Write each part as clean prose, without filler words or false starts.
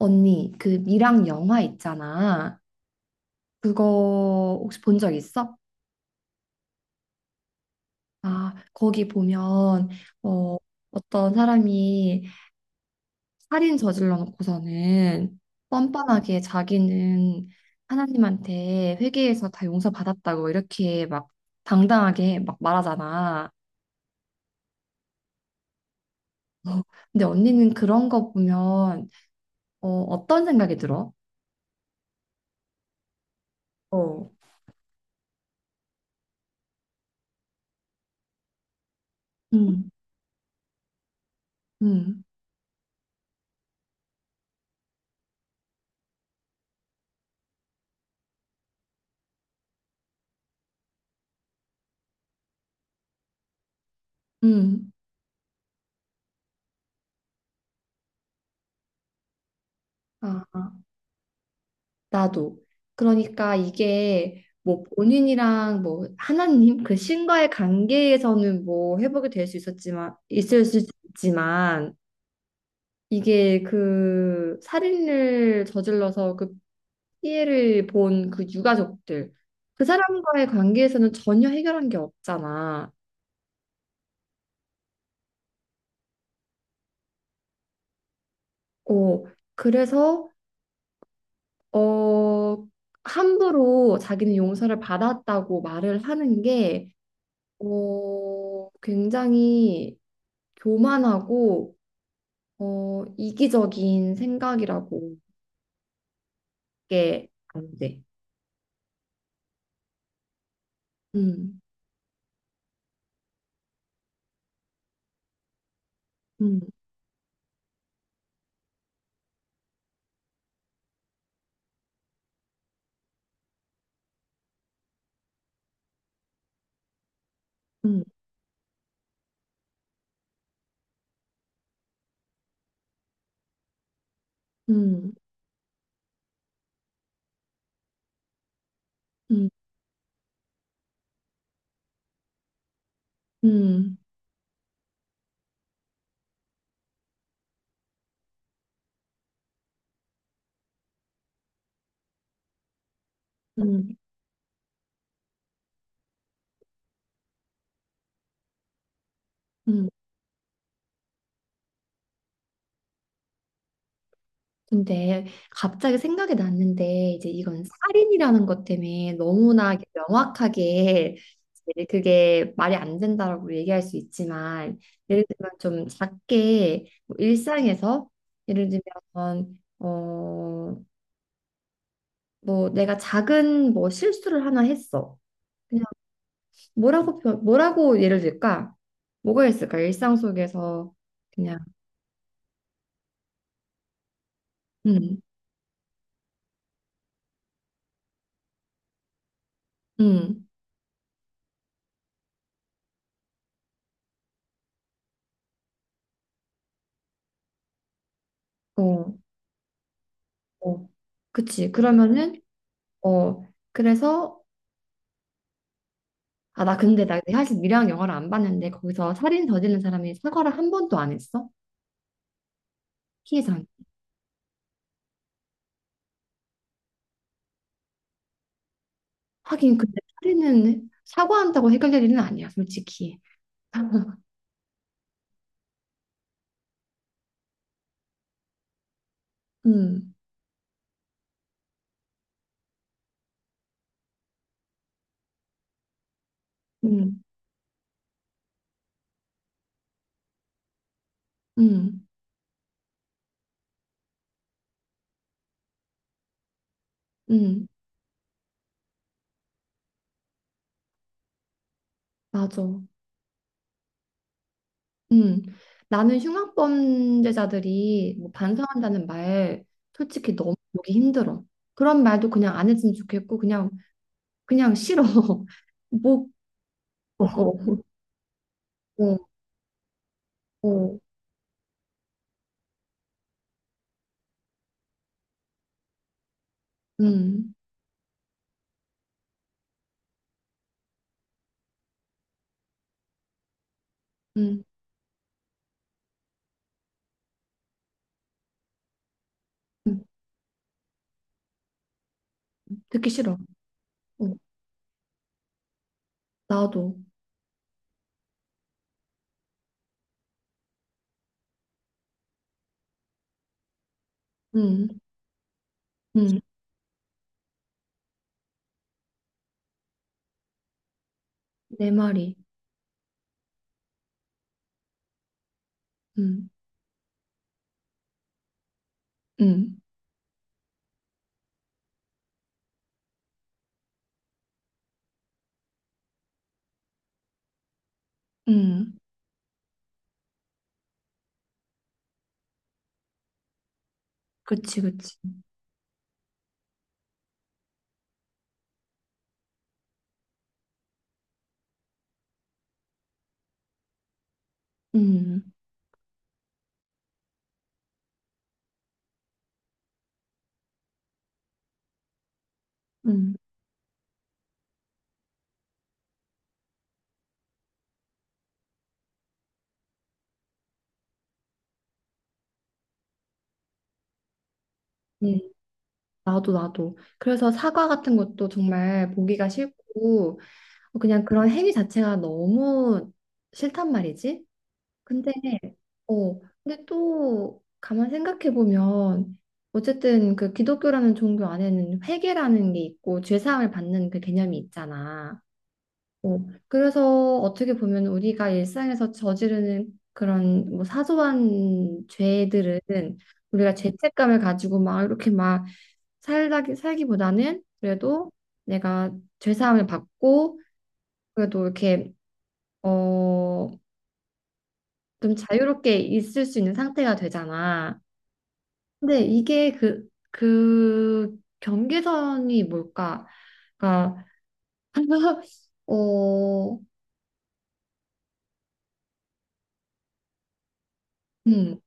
언니, 그 미랑 영화 있잖아. 그거 혹시 본 적 있어? 아, 거기 보면 어, 어떤 사람이 살인 저질러 놓고서는 뻔뻔하게 자기는 하나님한테 회개해서 다 용서받았다고 이렇게 막 당당하게 막 말하잖아. 어, 근데 언니는 그런 거 보면 어떤 생각이 들어? 어. 음, 음, 음. 아. 나도. 그러니까 이게 뭐 본인이랑 뭐 하나님 그 신과의 관계에서는 뭐 회복이 될 수 있었지만 있을 수 있지만 이게 그 살인을 저질러서 그 피해를 본 그 유가족들 그 사람과의 관계에서는 전혀 해결한 게 없잖아. 어, 그래서 어 함부로 자기는 용서를 받았다고 말을 하는 게 굉장히 교만하고 이기적인 생각이라고 그게 안 돼. 음, 음, 음, 음, 음, 음, 음, 음. 근데 갑자기 생각이 났는데 이제 이건 살인이라는 것 때문에 너무나 명확하게 이제 그게 말이 안 된다라고 얘기할 수 있지만 예를 들면 좀 작게 뭐 일상에서 예를 들면 어 뭐 내가 작은 뭐 실수를 하나 했어. 뭐라고 예를 들까? 뭐가 있을까? 일상 속에서 그냥. 음, 음, 어, 어, 그치. 그러면은. 어, 그래서 아, 나 근데 나 사실 미랑 영화를 안 봤는데 거기서 살인 저지른 사람이 사과를 한 번도 안 했어? 피해자한테. 하긴 근데 살인은 사과한다고 해결될 일은 아니야, 솔직히. 음, 음, 음, 음, 맞아. 음, 나는 흉악범죄자들이 뭐 반성한다는 말 솔직히 너무 보기 힘들어. 그런 말도 그냥 안 했으면 좋겠고 그냥 그냥 싫어. 뭐, 어, 어, 어, 음, 음, 음, 듣기 싫어. 어, 나도, 음, 음, 내 말이, 음, 음, 음, 그치, 그치, 음, 음, 음, 나도, 나도. 그래서 사과 같은 것도 정말 보기가 싫고. 그냥 그런 행위 자체가 너무 싫단 말이지. 근데 근데 또 가만 생각해 보면 어쨌든 그 기독교라는 종교 안에는 회개라는 게 있고 죄사함을 받는 그 개념이 있잖아. 어, 그래서 어떻게 보면 우리가 일상에서 저지르는 그런 뭐 사소한 죄들은 우리가 죄책감을 가지고 막 이렇게 막 살다 살기보다는 그래도 내가 죄사함을 받고 그래도 이렇게 어, 좀 자유롭게 있을 수 있는 상태가 되잖아. 근데 이게 그 경계선이 뭘까? 그러니까, 어, 음,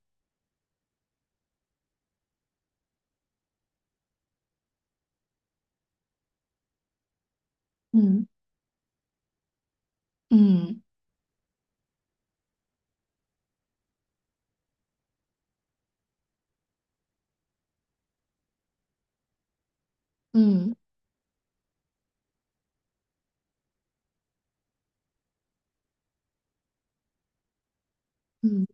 음, 음, 음, 음,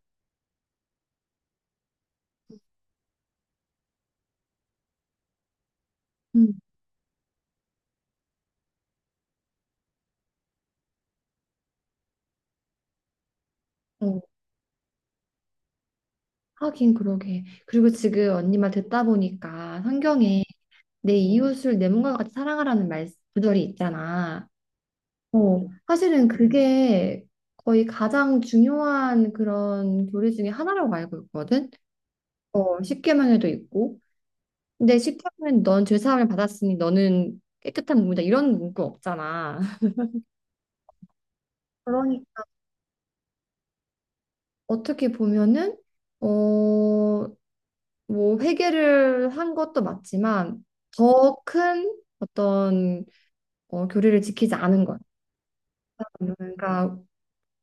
음, 어, 하긴 그러게. 그리고 지금 언니 말 듣다 보니까 성경에 내 이웃을 내 몸과 같이 사랑하라는 말 구절이 있잖아. 어, 사실은 그게 거의 가장 중요한 그런 교리 중에 하나라고 알고 있거든. 십계명에도 있고. 근데 십계명은 넌 죄사함을 받았으니 너는 깨끗한 몸이다. 이런 문구 없잖아. 그러니 어떻게 보면은 어, 뭐 회개를 한 것도 맞지만 더 큰 어떤 교리를 지키지 않은 것. 그러니까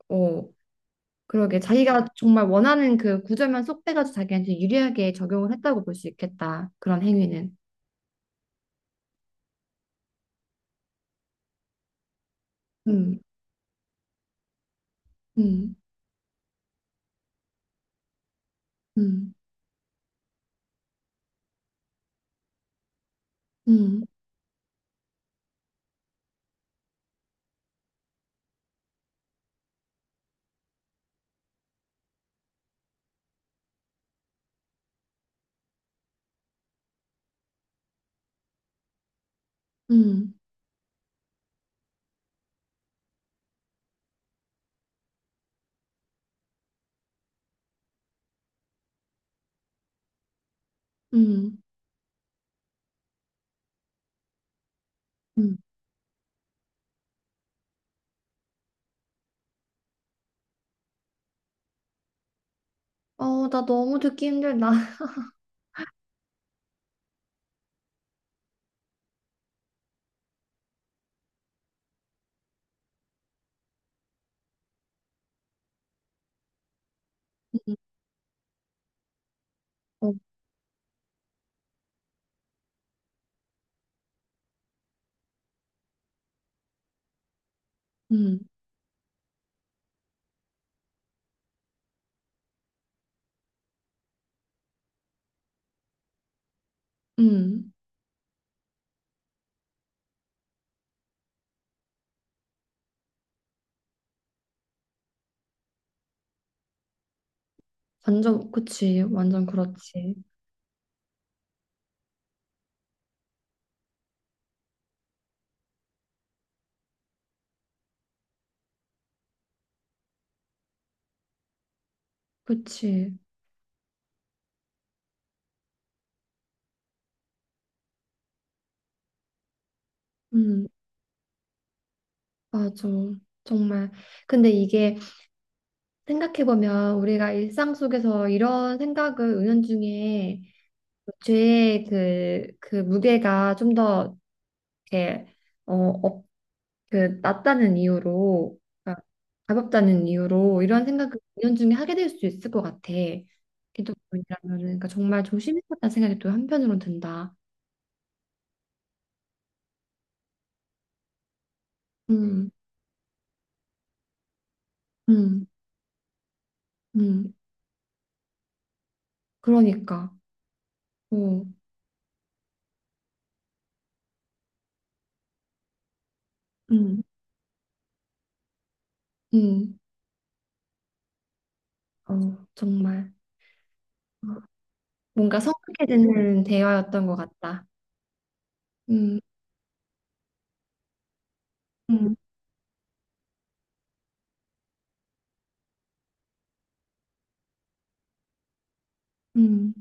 어, 그러게 자기가 정말 원하는 그 구절만 쏙 빼가지고 자기한테 유리하게 적용을 했다고 볼 수 있겠다. 그런 행위는. 음, 음, 음, 음, 음, 음, 음. 음. 나 너무 듣기 힘들다. 음, 어, 음, 음. 완전, 그치. 완전 그렇지. 그치. 음, 맞아. 정말. 근데 이게 생각해보면 우리가 일상 속에서 이런 생각을 은연중에 죄의 그 무게가 좀 더 이렇게, 어, 그 낫다는 이유로 그러니까 가볍다는 이유로 이런 생각을 은연중에 하게 될 수 있을 것 같아. 기독교인이라면은 그러니까 정말 조심해야겠다는 생각이 또 한편으로 든다. 음, 음, 음. 그러니까, 어, 음, 음, 정말 뭔가 성숙해지는 대화였던 것 같다. 음, 음, 음,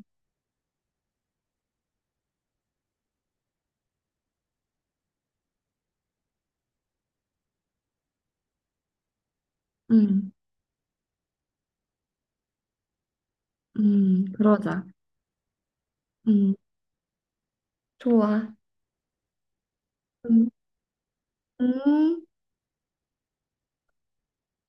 음, 그러자. 음, 좋아. 음, 음.